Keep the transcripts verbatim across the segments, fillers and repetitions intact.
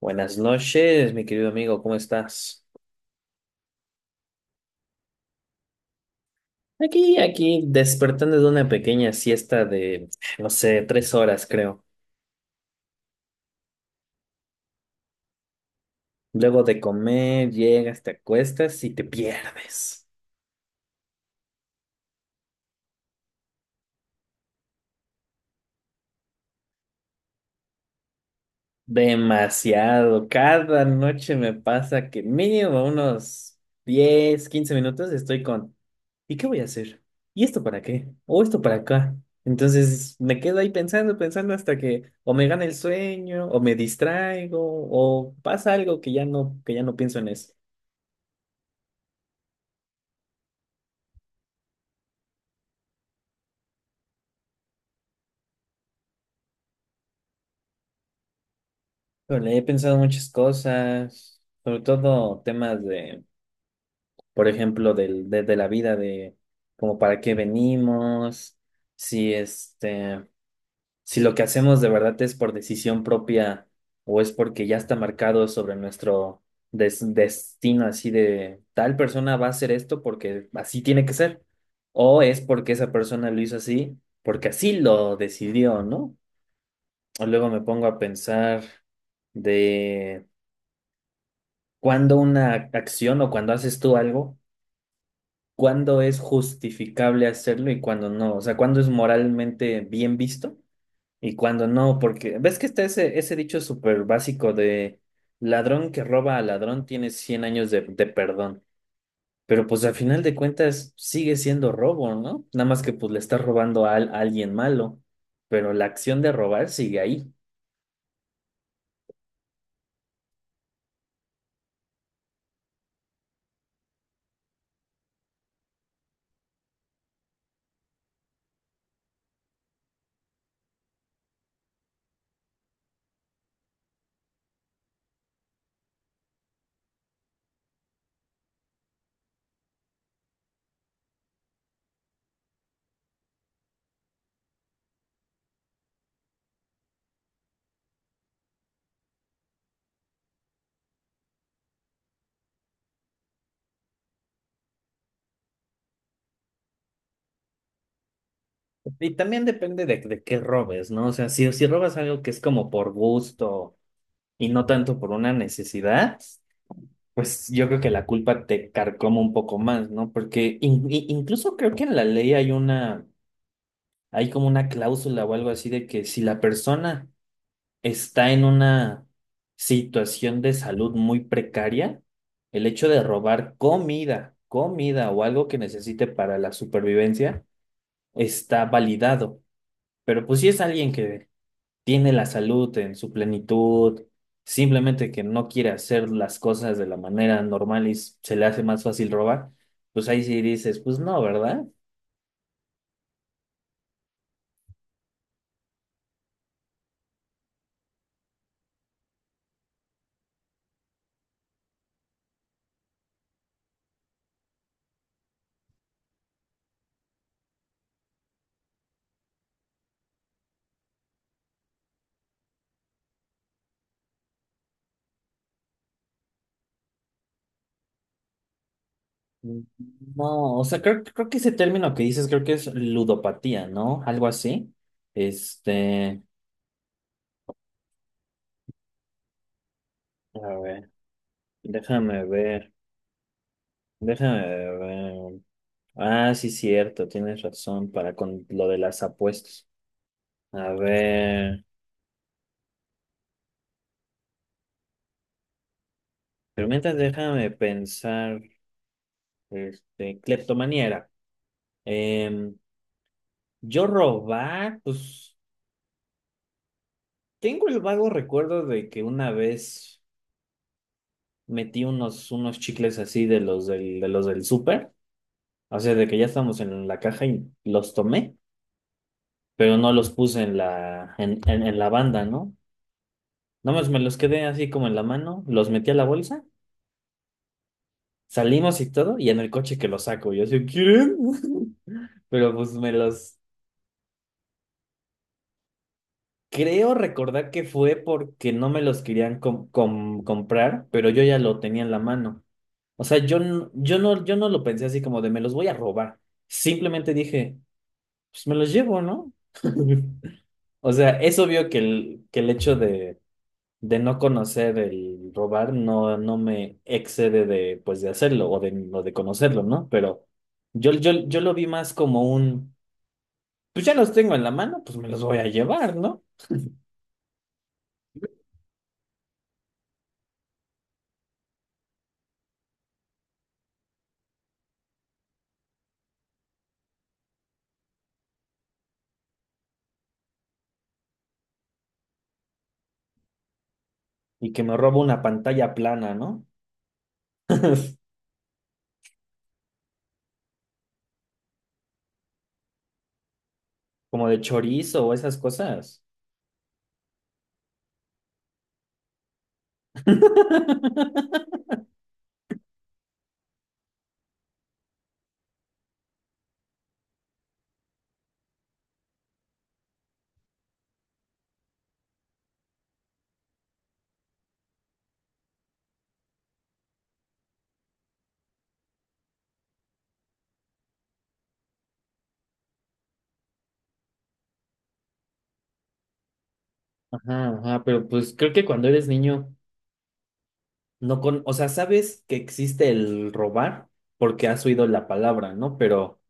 Buenas noches, mi querido amigo, ¿cómo estás? Aquí, aquí, despertando de una pequeña siesta de, no sé, tres horas, creo. Luego de comer, llegas, te acuestas y te pierdes. Demasiado. Cada noche me pasa que mínimo unos diez, quince minutos estoy con ¿y qué voy a hacer? ¿Y esto para qué? ¿O esto para acá? Entonces me quedo ahí pensando, pensando hasta que o me gana el sueño, o me distraigo, o pasa algo que ya no, que ya no pienso en eso. Pero le he pensado muchas cosas, sobre todo temas de, por ejemplo, del, de, de la vida, de como para qué venimos, si este, si lo que hacemos de verdad es por decisión propia o es porque ya está marcado sobre nuestro des- destino, así de tal persona va a hacer esto porque así tiene que ser, o es porque esa persona lo hizo así porque así lo decidió, ¿no? O luego me pongo a pensar de cuándo una acción o cuando haces tú algo, cuándo es justificable hacerlo y cuándo no, o sea, cuándo es moralmente bien visto y cuando no, porque ves que está ese, ese dicho súper básico de ladrón que roba a ladrón tiene cien años de, de perdón, pero pues al final de cuentas sigue siendo robo, ¿no? Nada más que pues le estás robando a, al- a alguien malo, pero la acción de robar sigue ahí. Y también depende de, de qué robes, ¿no? O sea, si, si robas algo que es como por gusto y no tanto por una necesidad, pues yo creo que la culpa te carcoma un poco más, ¿no? Porque in- in- incluso creo que en la ley hay una hay como una cláusula o algo así de que si la persona está en una situación de salud muy precaria, el hecho de robar comida, comida o algo que necesite para la supervivencia está validado. Pero pues si es alguien que tiene la salud en su plenitud, simplemente que no quiere hacer las cosas de la manera normal y s- se le hace más fácil robar, pues ahí sí dices, pues no, ¿verdad? No, o sea, creo, creo que ese término que dices, creo que es ludopatía, ¿no? Algo así. Este, a ver, déjame ver, déjame ver. Ah, sí, cierto, tienes razón para con lo de las apuestas. A ver, pero mientras déjame pensar, este, cleptomanía era. Em, yo robar, pues tengo el vago recuerdo de que una vez metí unos, unos chicles así de los del, de los del súper. O sea, de que ya estamos en la caja y los tomé, pero no los puse en la, en, en, en la banda, ¿no? Nada más me los quedé así como en la mano, los metí a la bolsa, salimos y todo, y en el coche que los saco. Yo así, ¿quieren? Pero pues me los... Creo recordar que fue porque no me los querían com- com- comprar, pero yo ya lo tenía en la mano. O sea, yo, n- yo no, yo no lo pensé así como de me los voy a robar. Simplemente dije, pues me los llevo, ¿no? O sea, es obvio que el, que el hecho de, de no conocer el robar no, no me excede de, pues, de hacerlo o de, o de conocerlo, ¿no? Pero yo, yo, yo lo vi más como un, pues ya los tengo en la mano, pues me los voy a llevar, ¿no? Y que me robo una pantalla plana, ¿no? Como de chorizo o esas cosas. Ajá, ajá, pero pues creo que cuando eres niño, no con, o sea, sabes que existe el robar porque has oído la palabra, ¿no? Pero...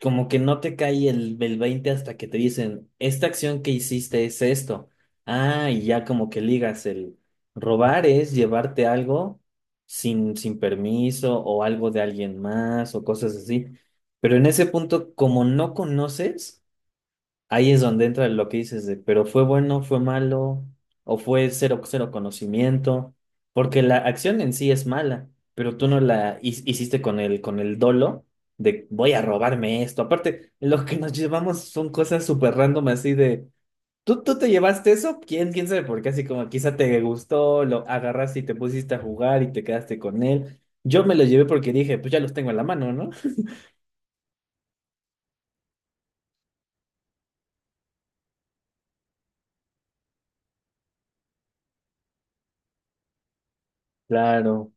como que no te cae el, el veinte hasta que te dicen, esta acción que hiciste es esto. Ah, y ya como que ligas el robar es llevarte algo sin, sin permiso o algo de alguien más o cosas así. Pero en ese punto, como no conoces, ahí es donde entra lo que dices de, pero fue bueno, fue malo, o fue cero, cero conocimiento, porque la acción en sí es mala, pero tú no la hi- hiciste con el, con el dolo de voy a robarme esto. Aparte, lo que nos llevamos son cosas súper random así de, ¿tú, tú te llevaste eso? ¿Quién, quién sabe por qué? Así como quizá te gustó, lo agarraste y te pusiste a jugar y te quedaste con él. Yo me lo llevé porque dije, pues ya los tengo en la mano, ¿no? Claro.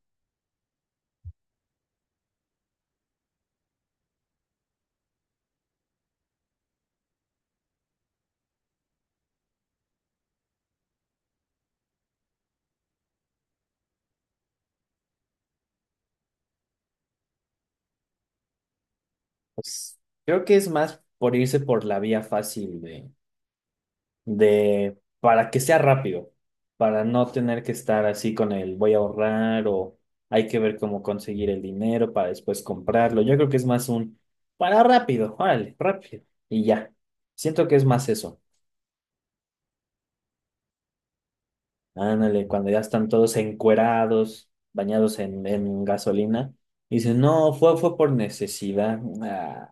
Pues, creo que es más por irse por la vía fácil de, de, para que sea rápido, para no tener que estar así con el voy a ahorrar o hay que ver cómo conseguir el dinero para después comprarlo. Yo creo que es más un para rápido, órale, rápido y ya. Siento que es más eso. Ándale, cuando ya están todos encuerados, bañados en, en gasolina, dicen, no, fue, fue por necesidad. Ah,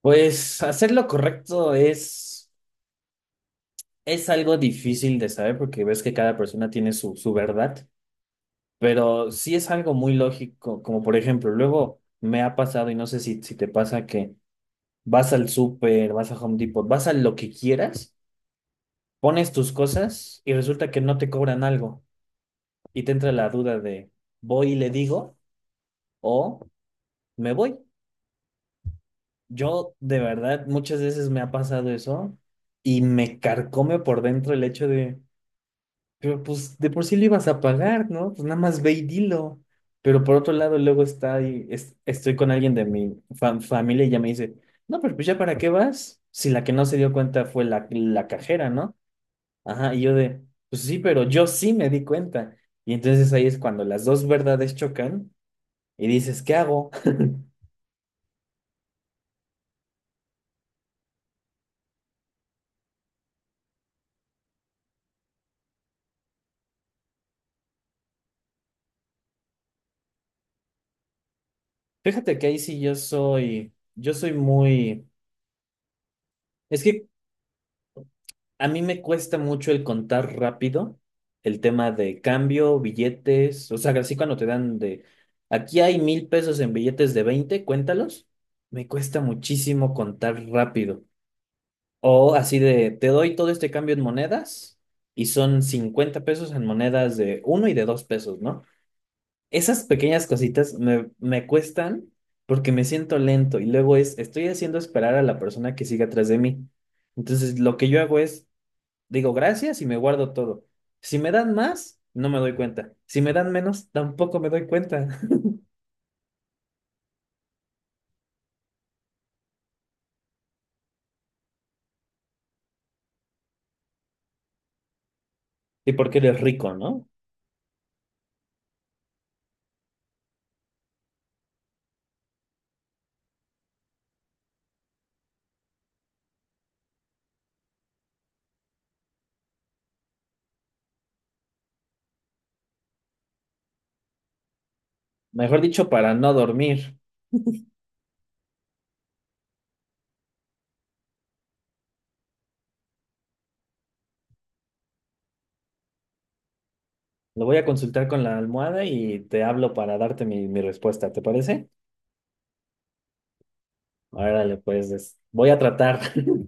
pues hacer lo correcto es Es algo difícil de saber porque ves que cada persona tiene su, su verdad, pero sí es algo muy lógico, como por ejemplo, luego me ha pasado y no sé si, si te pasa que vas al súper, vas a Home Depot, vas a lo que quieras, pones tus cosas y resulta que no te cobran algo y te entra la duda de voy y le digo o me voy. Yo de verdad muchas veces me ha pasado eso y me carcome por dentro el hecho de... Pero pues de por sí lo ibas a pagar, ¿no? Pues nada más ve y dilo. Pero por otro lado, luego está ahí, es- estoy con alguien de mi fam- familia y ya me dice, no, pero pues ya para qué vas, si la que no se dio cuenta fue la, la cajera, ¿no? Ajá, y yo de, pues sí, pero yo sí me di cuenta. Y entonces ahí es cuando las dos verdades chocan y dices, ¿qué hago? Fíjate que ahí sí yo soy, yo soy muy, es que a mí me cuesta mucho el contar rápido, el tema de cambio, billetes, o sea, así cuando te dan de, aquí hay mil pesos en billetes de veinte cuéntalos, me cuesta muchísimo contar rápido. O así de, te doy todo este cambio en monedas y son cincuenta pesos en monedas de uno y de dos pesos, ¿no? Esas pequeñas cositas me, me cuestan porque me siento lento y luego es, estoy haciendo esperar a la persona que sigue atrás de mí. Entonces, lo que yo hago es digo gracias y me guardo todo. Si me dan más, no me doy cuenta. Si me dan menos, tampoco me doy cuenta. Y porque eres rico, ¿no? Mejor dicho, para no dormir. Lo voy a consultar con la almohada y te hablo para darte mi, mi respuesta, ¿te parece? Órale, pues es- voy a tratar.